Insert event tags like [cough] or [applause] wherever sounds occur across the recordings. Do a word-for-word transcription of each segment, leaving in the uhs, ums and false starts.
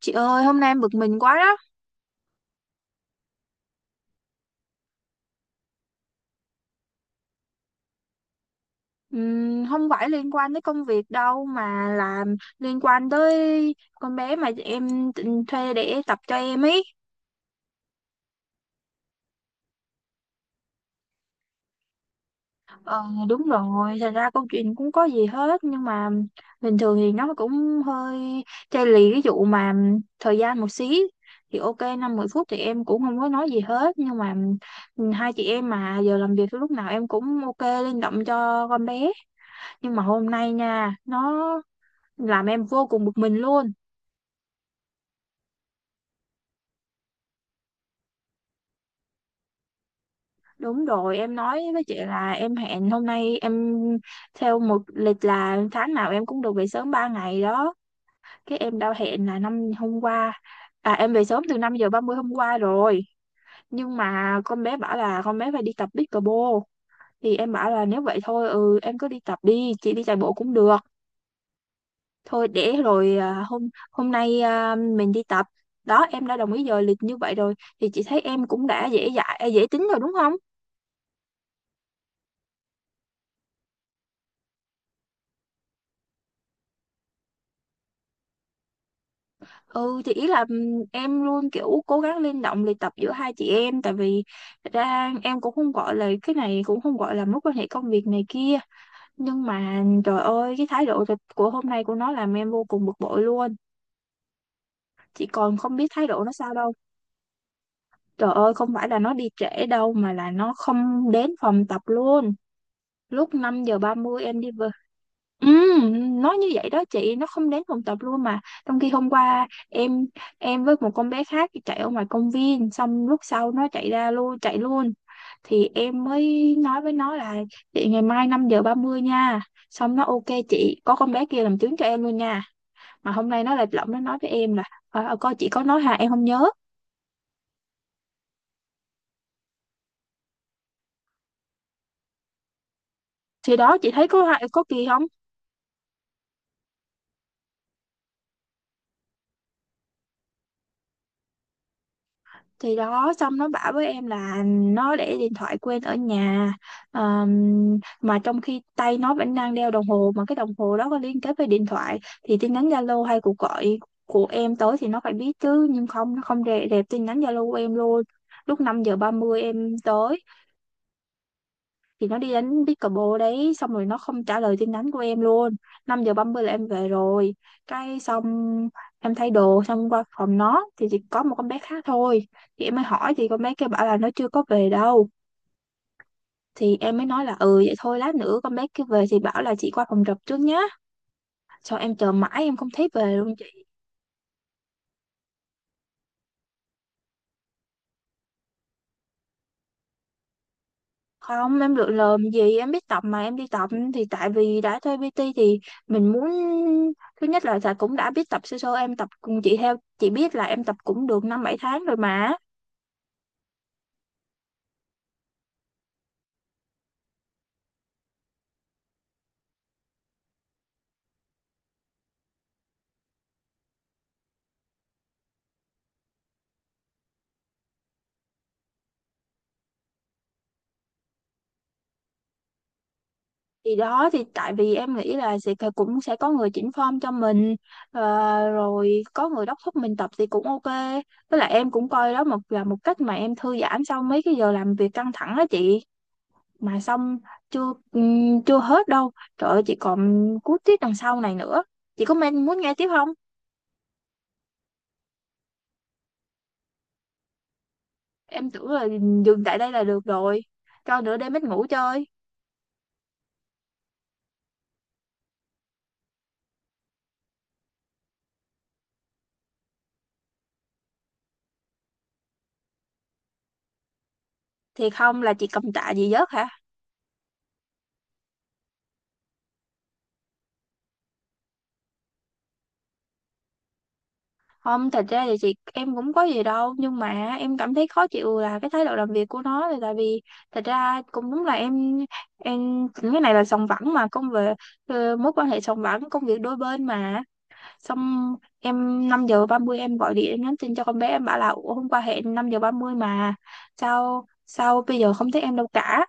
Chị ơi, hôm nay em bực mình quá đó. Ừm, không phải liên quan tới công việc đâu mà là liên quan tới con bé mà em t- thuê để tập cho em ấy. Ờ, đúng rồi, thật ra câu chuyện cũng có gì hết nhưng mà bình thường thì nó cũng hơi chai lì cái vụ mà thời gian một xí. Thì ok năm mười phút thì em cũng không có nói gì hết, nhưng mà ừm, hai chị em mà giờ làm việc lúc nào em cũng ok linh động cho con bé, nhưng mà hôm nay nha nó làm em vô cùng bực mình luôn. Đúng rồi, em nói với chị là em hẹn hôm nay em theo một lịch là tháng nào em cũng được về sớm ba ngày đó, cái em đã hẹn là năm hôm qua, à em về sớm từ năm giờ ba mươi hôm qua rồi, nhưng mà con bé bảo là con bé phải đi tập pickleball. Thì em bảo là nếu vậy thôi ừ em cứ đi tập đi, chị đi chạy bộ cũng được, thôi để rồi à, hôm hôm nay à, mình đi tập, đó em đã đồng ý giờ lịch như vậy rồi, thì chị thấy em cũng đã dễ dãi dễ tính rồi đúng không? Ừ thì ý là ừm, em luôn kiểu cố gắng linh động luyện tập giữa hai chị em, tại vì thật ra em cũng không gọi là cái này cũng không gọi là mối quan hệ công việc này kia, nhưng mà trời ơi cái thái độ thật của hôm nay của nó làm em vô cùng bực bội luôn, chị còn không biết thái độ nó sao đâu. Trời ơi không phải là nó đi trễ đâu mà là nó không đến phòng tập luôn. Lúc năm giờ ba mươi em đi về. Ừm, nói như vậy đó chị, nó không đến phòng tập luôn, mà trong khi hôm qua em em với một con bé khác chạy ở ngoài công viên xong lúc sau nó chạy ra luôn chạy luôn, thì em mới nói với nó là chị ngày mai năm giờ ba mươi nha, xong nó ok chị, có con bé kia làm chứng cho em luôn nha. Mà hôm nay nó lại lộng, nó nói với em là "Ờ, ờ, coi chị có nói hà em không nhớ". Thì đó chị thấy có hại có kỳ không? Thì đó xong nó bảo với em là nó để điện thoại quên ở nhà. Ờm, mà trong khi tay nó vẫn đang đeo đồng hồ mà cái đồng hồ đó có liên kết với điện thoại thì tin nhắn Zalo hay cuộc gọi của em tới thì nó phải biết chứ, nhưng không, nó không rè- rẹp tin nhắn Zalo của em luôn. Lúc năm giờ ba mươi em tới thì nó đi đánh pickleball đấy, xong rồi nó không trả lời tin nhắn của em luôn. Năm giờ ba mươi là em về rồi, cái xong em thay đồ xong qua phòng nó thì chỉ có một con bé khác thôi, thì em mới hỏi thì con bé kia bảo là nó chưa có về đâu, thì em mới nói là ừ vậy thôi lát nữa con bé kia về thì bảo là chị qua phòng trọ trước nhá. Xong em chờ mãi em không thấy về luôn. Không, em lựa lờm gì, em biết tập mà em đi tập thì tại vì đã thuê pê tê thì mình muốn, thứ nhất là tại cũng đã biết tập sơ sơ, em tập cùng chị theo chị biết là em tập cũng được năm bảy tháng rồi mà. Thì đó thì tại vì em nghĩ là sẽ cũng sẽ có người chỉnh form cho mình, ờ, rồi có người đốc thúc mình tập thì cũng ok. Với lại em cũng coi đó một là một cách mà em thư giãn sau mấy cái giờ làm việc căng thẳng đó chị. Mà xong chưa, ừm, chưa hết đâu, trời ơi chị còn cuối tiết đằng sau này nữa, chị có men muốn nghe tiếp không? Em tưởng là dừng tại đây là được rồi, cho nửa đêm ít ngủ chơi. Thì không là chị cầm tạ gì giấc hả? Không, thật ra thì chị em cũng có gì đâu, nhưng mà em cảm thấy khó chịu là cái thái độ làm việc của nó, là tại vì thật ra cũng đúng là em em cái này là sòng phẳng mà, công việc, ờ, mối quan hệ sòng phẳng công việc đôi bên mà. Xong em năm giờ ba mươi em gọi điện nhắn tin cho con bé, em bảo là ủa, hôm qua hẹn năm giờ ba mươi mà sao sao bây giờ không thấy em đâu cả,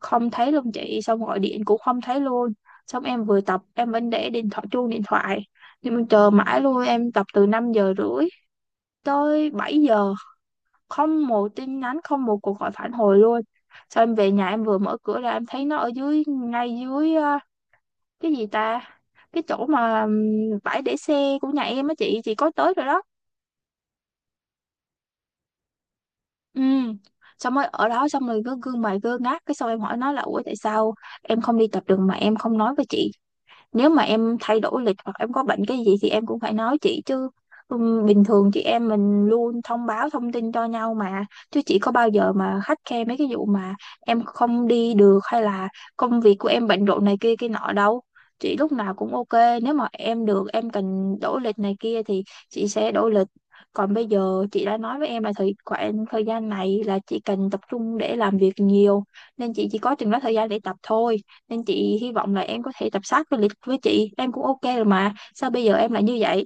không thấy luôn chị, xong gọi điện cũng không thấy luôn. Xong em vừa tập em vẫn để điện thoại, chuông điện thoại nhưng mà chờ mãi luôn, em tập từ năm giờ rưỡi tới bảy giờ không một tin nhắn không một cuộc gọi phản hồi luôn. Xong em về nhà em vừa mở cửa ra em thấy nó ở dưới ngay dưới à, cái gì ta, cái chỗ mà ừm, bãi để xe của nhà em á chị chị có tới rồi đó. Ừ, xong rồi ở đó xong rồi cứ gương mày gương ngác, cái xong em hỏi nó là ủa tại sao em không đi tập được mà em không nói với chị? Nếu mà em thay đổi lịch hoặc em có bệnh cái gì thì em cũng phải nói chị chứ, ừm, bình thường chị em mình luôn thông báo thông tin cho nhau mà, chứ chị có bao giờ mà khắt khe mấy cái vụ mà em không đi được hay là công việc của em bận rộn này kia kia nọ đâu. Chị lúc nào cũng ok nếu mà em được em cần đổi lịch này kia thì chị sẽ đổi lịch, còn bây giờ chị đã nói với em là thời khoảng thời gian này là chị cần tập trung để làm việc nhiều nên chị chỉ có chừng đó thời gian để tập thôi, nên chị hy vọng là em có thể tập sát với lịch với chị em cũng ok rồi mà sao bây giờ em lại như vậy.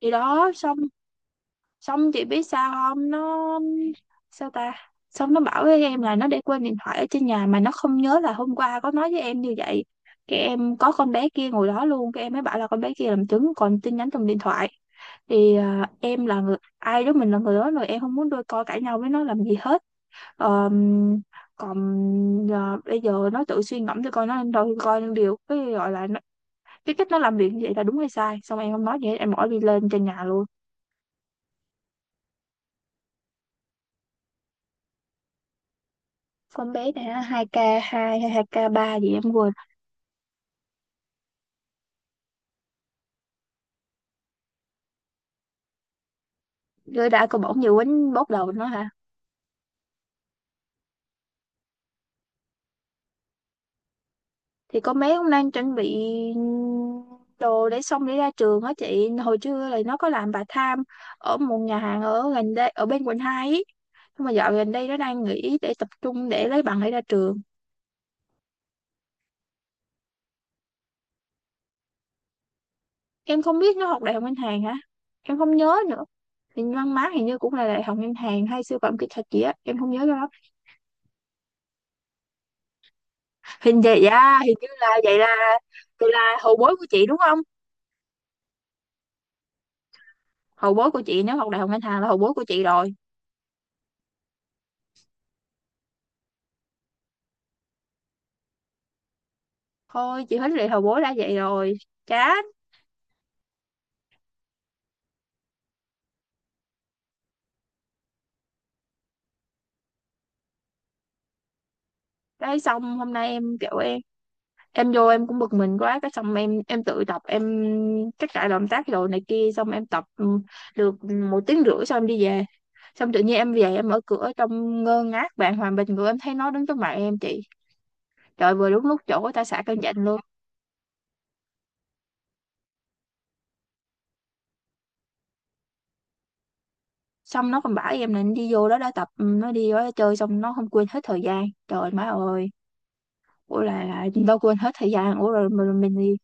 Thì đó xong, xong chị biết sao không nó, sao ta, xong nó bảo với em là nó để quên điện thoại ở trên nhà mà nó không nhớ là hôm qua có nói với em như vậy, cái em có con bé kia ngồi đó luôn, cái em mới bảo là con bé kia làm chứng còn tin nhắn trong điện thoại. Thì à, em là người ai đó mình là người đó rồi, em không muốn đôi co cãi nhau với nó làm gì hết. Ờ, còn ờ, bây giờ nó tự suy ngẫm cho coi nó đâu coi điều cái gọi là nó, cái cách nó làm việc như vậy là đúng hay sai, xong em không nói gì hết em bỏ đi lên trên nhà luôn. Con bé này á, hai k hai hay hai k ba gì em quên rồi đã có bỏng nhiều quýnh bóp đầu nó hả. Thì con bé cũng đang chuẩn bị đồ để xong để ra trường á chị, hồi trưa là nó có làm bà tham ở một nhà hàng ở gần đây ở bên quận hai ý, nhưng mà dạo gần đây nó đang nghỉ để tập trung để lấy bằng để ra trường. Em không biết, nó học đại học ngân hàng hả, em không nhớ nữa, hình văn má hình như cũng là đại học ngân hàng hay sư phạm kỹ thuật gì á em không nhớ cho lắm, hình vậy à hình như là vậy, là vậy là hậu bối của chị đúng không? Hậu bối của chị nếu học đại học ngân hàng là hậu bối của chị rồi. Thôi chị hết lệ hậu bối đã vậy rồi, chán. Đấy, xong hôm nay em kiểu em em vô em cũng bực mình quá cái xong em em tự tập em các cả động tác rồi này kia xong em tập ừ, được một tiếng rưỡi xong em đi về. Xong tự nhiên em về em mở cửa trong ngơ ngác bàng hoàng bình ngựa em thấy nó đứng trước mặt em chị, trời vừa đúng lúc chỗ ta xả cơn giận luôn. Xong nó còn bảo em là nó đi vô đó đã tập, ừ, nó đi vô đó chơi xong nó không quên hết thời gian trời má ơi, ủa là, là đâu quên hết thời gian ủa rồi mình, mình.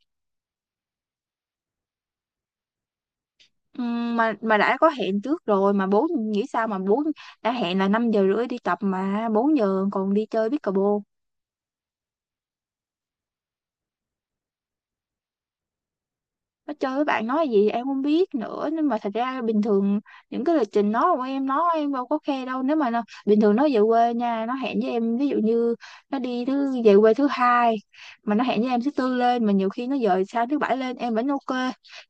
Ừm, mà mà đã có hẹn trước rồi mà bố nghĩ sao mà bố đã hẹn là năm giờ rưỡi đi tập mà bốn giờ còn đi chơi pickleball. Nó chơi với bạn nói gì em không biết nữa. Nhưng mà thật ra bình thường những cái lịch trình nó của em nó em đâu có khe đâu. Nếu mà nó, bình thường nó về quê nha, nó hẹn với em ví dụ như nó đi thứ về quê thứ hai, mà nó hẹn với em thứ tư lên, mà nhiều khi nó dời sang thứ bảy lên em vẫn ok.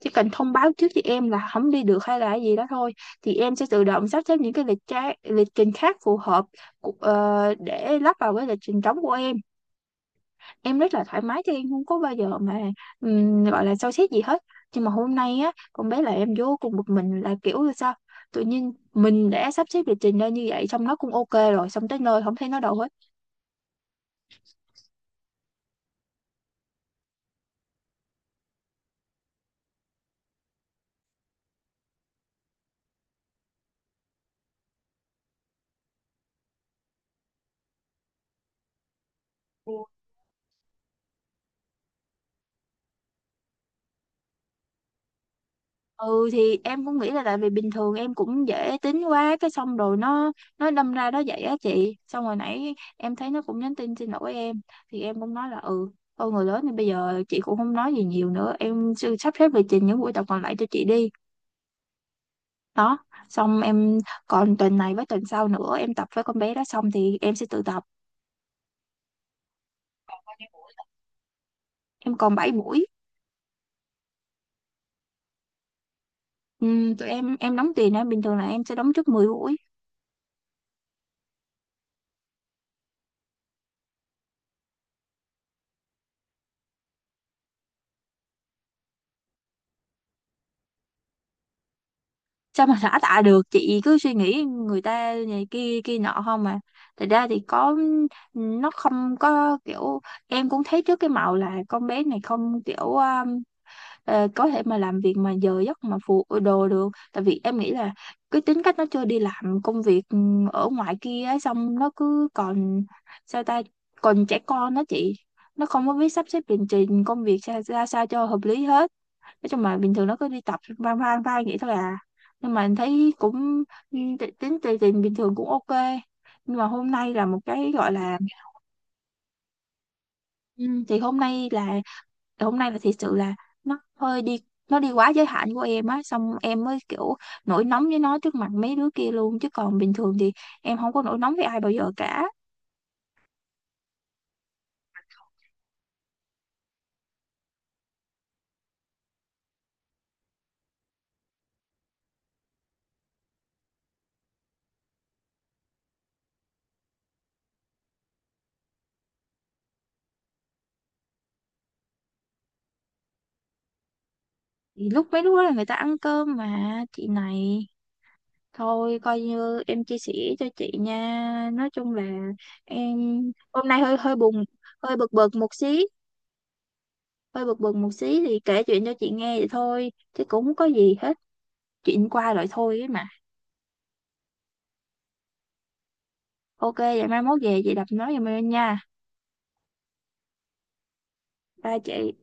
Chỉ cần thông báo trước với em là không đi được hay là cái gì đó thôi, thì em sẽ tự động sắp xếp những cái lịch tra, lịch trình khác phù hợp của- ờ, để lắp vào cái lịch trình trống của em. Em rất là thoải mái chứ em không có bao giờ mà ừm, gọi là soi xét gì hết. Nhưng mà hôm nay á con bé là em vô cùng bực mình, là kiểu là sao tự nhiên mình đã sắp xếp lịch trình ra như vậy, xong nó cũng ok rồi, xong tới nơi không thấy nó đâu hết. Ừ thì em cũng nghĩ là tại vì bình thường em cũng dễ tính quá cái xong rồi nó nó đâm ra đó vậy á chị. Xong hồi nãy em thấy nó cũng nhắn tin xin lỗi em, thì em cũng nói là ừ thôi, người lớn thì bây giờ chị cũng không nói gì nhiều nữa, em sẽ sắp xếp lịch trình những buổi tập còn lại cho chị đi. Đó. Xong em còn tuần này với tuần sau nữa em tập với con bé đó, xong thì em sẽ tự tập. Em còn bảy buổi. Ừ, tụi em em đóng tiền á, bình thường là em sẽ đóng trước mười buổi. Sao mà [laughs] xả tạ được chị, cứ suy nghĩ người ta này kia kia nọ không mà. Thật ra thì có, nó không có kiểu. Em cũng thấy trước cái màu là con bé này không kiểu um, ờ, có thể mà làm việc mà giờ giấc mà phụ đồ được. Tại vì em nghĩ là cái tính cách nó chưa đi làm công việc ừ, ở ngoài kia á, xong nó cứ còn sao ta, còn trẻ con đó chị. Nó không có biết sắp xếp lịch trình công việc ra, ra sao cho hợp lý hết. Nói chung là bình thường nó cứ đi tập van van van vậy thôi à. Nhưng mà thấy cũng ừ, ti- tính tiền bình thường cũng ok. Nhưng mà hôm nay là một cái gọi là ừ, thì hôm nay là hôm nay là thật sự là nó hơi đi, nó đi quá giới hạn của em á, xong em mới kiểu nổi nóng với nó trước mặt mấy đứa kia luôn, chứ còn bình thường thì em không có nổi nóng với ai bao giờ cả. Thì lúc mấy đứa đó là người ta ăn cơm mà chị này. Thôi coi như em chia sẻ cho chị nha. Nói chung là em hôm nay hơi hơi buồn, hơi bực bực một xí. Hơi bực bực một xí thì kể chuyện cho chị nghe vậy thôi chứ cũng không có gì hết. Chuyện qua rồi thôi ấy mà. Ok, vậy mai mốt về chị đập nói giùm em nha ba chị.